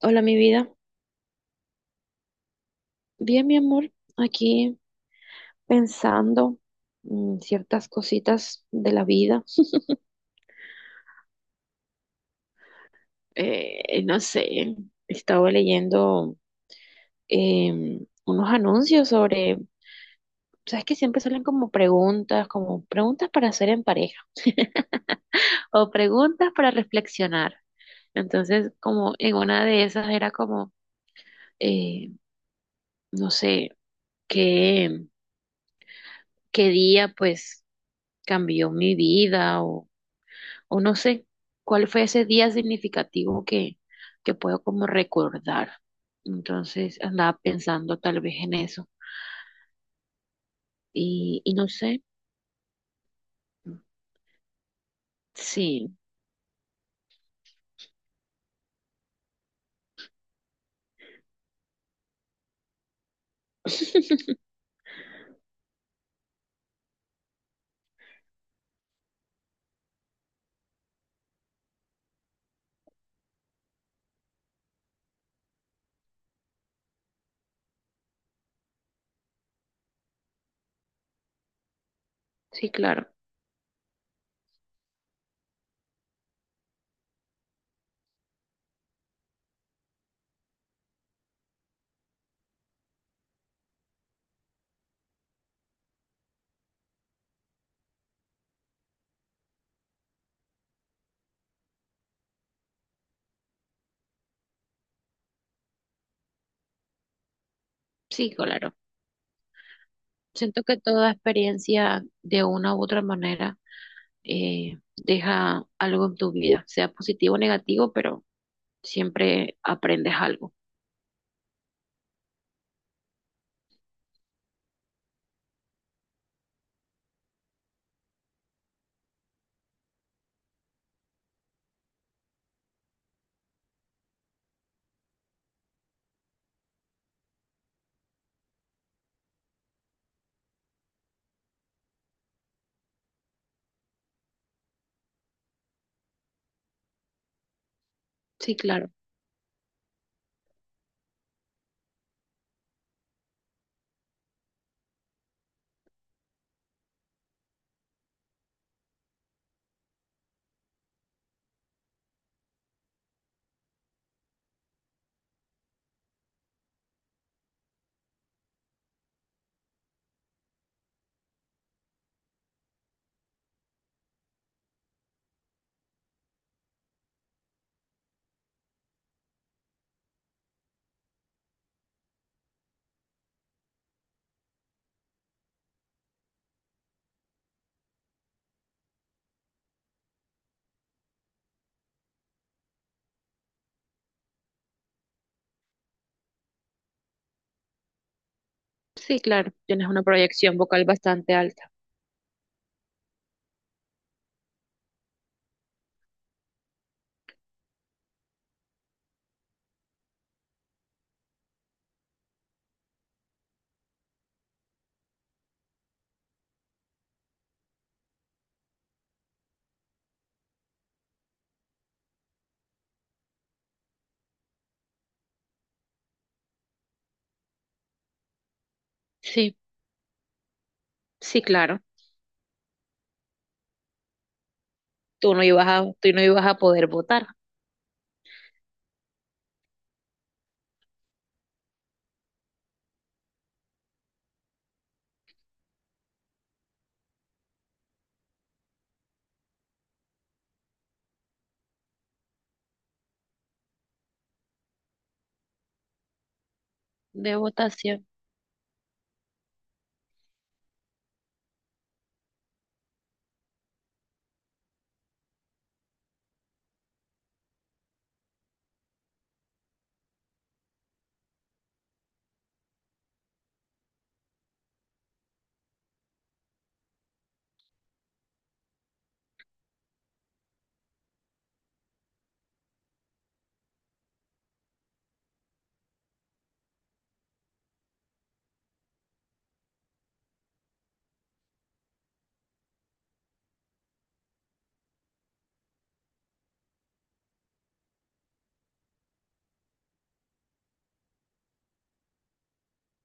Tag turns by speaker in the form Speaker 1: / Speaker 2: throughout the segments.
Speaker 1: Hola, mi vida. Bien, mi amor, aquí pensando ciertas cositas de la vida. No sé, estaba leyendo unos anuncios sobre, sabes que siempre salen como preguntas para hacer en pareja o preguntas para reflexionar. Entonces, como en una de esas era como, eh, no sé, qué, qué día pues cambió mi vida o no sé cuál fue ese día significativo que puedo como recordar. Entonces andaba pensando tal vez en eso y no sé, sí, sí, claro, sí, claro. Siento que toda experiencia de una u otra manera deja algo en tu vida, sea positivo o negativo, pero siempre aprendes algo. Sí, claro, sí, claro. Tienes una proyección vocal bastante alta. Sí, sí, claro. Tú no ibas a poder votar de votación.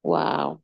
Speaker 1: Wow,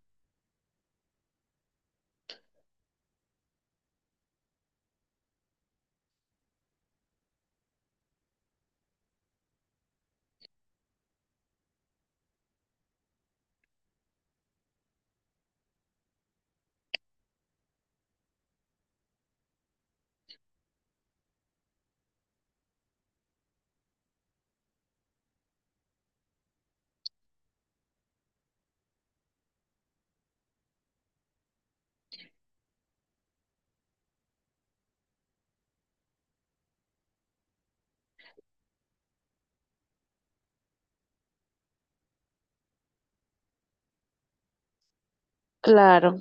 Speaker 1: claro.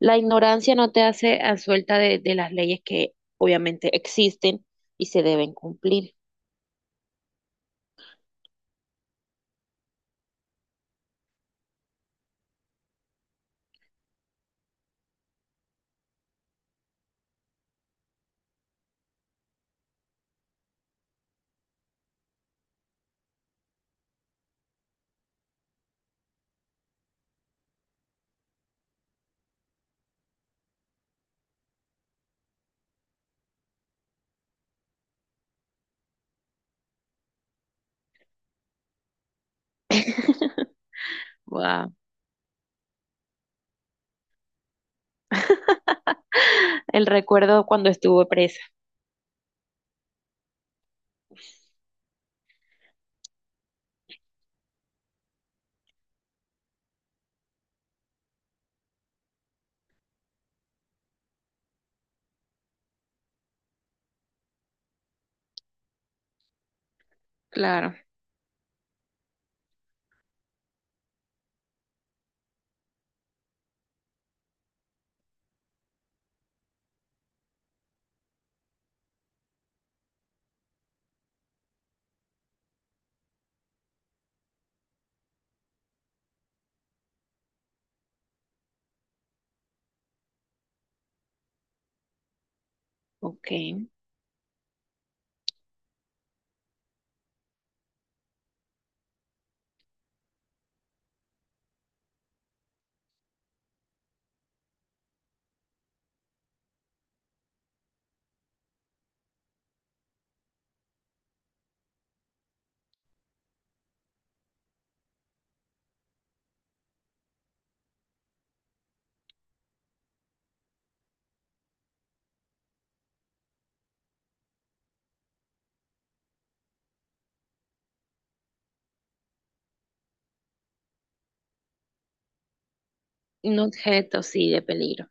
Speaker 1: La ignorancia no te hace a suelta de las leyes que obviamente existen y se deben cumplir. Wow. El recuerdo cuando estuve presa. Claro, ok. Un objeto, sí, de peligro.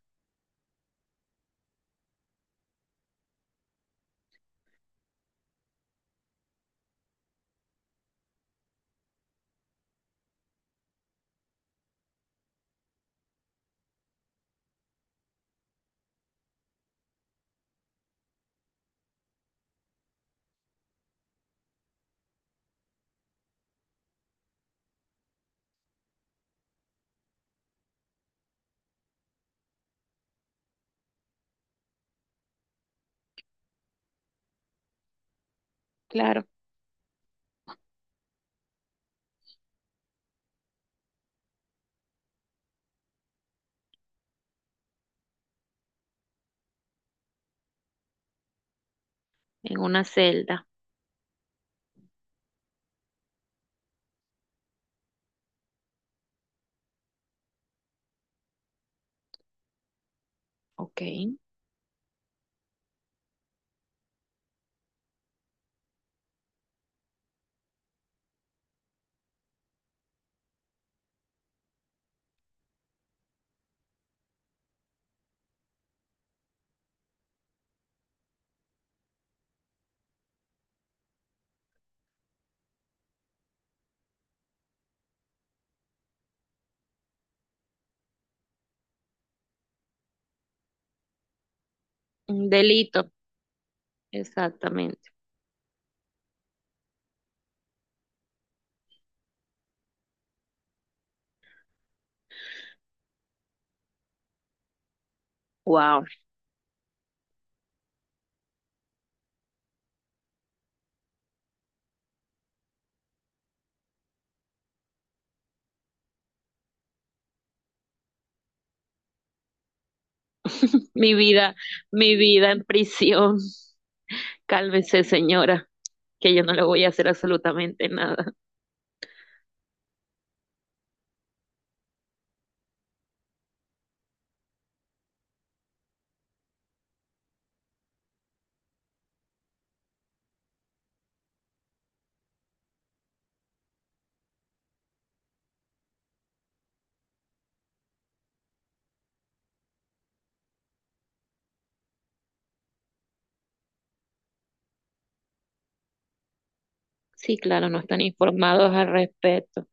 Speaker 1: Claro, en una celda. Ok. Un delito, exactamente. Wow. Mi vida, mi vida en prisión. Cálmese, señora, que yo no le voy a hacer absolutamente nada. Sí, claro, no están informados al respecto.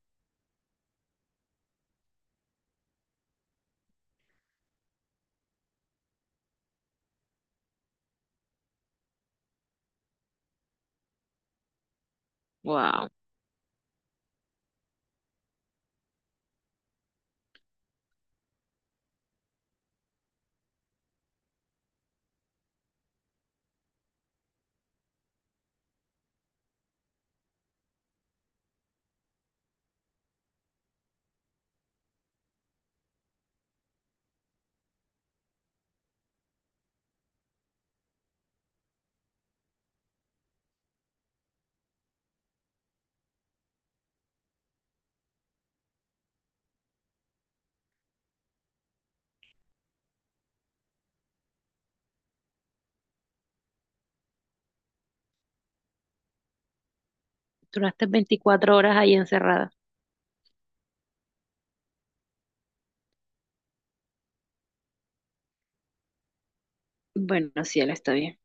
Speaker 1: Wow. Duraste 24 horas ahí encerrada. Bueno, sí, él está bien.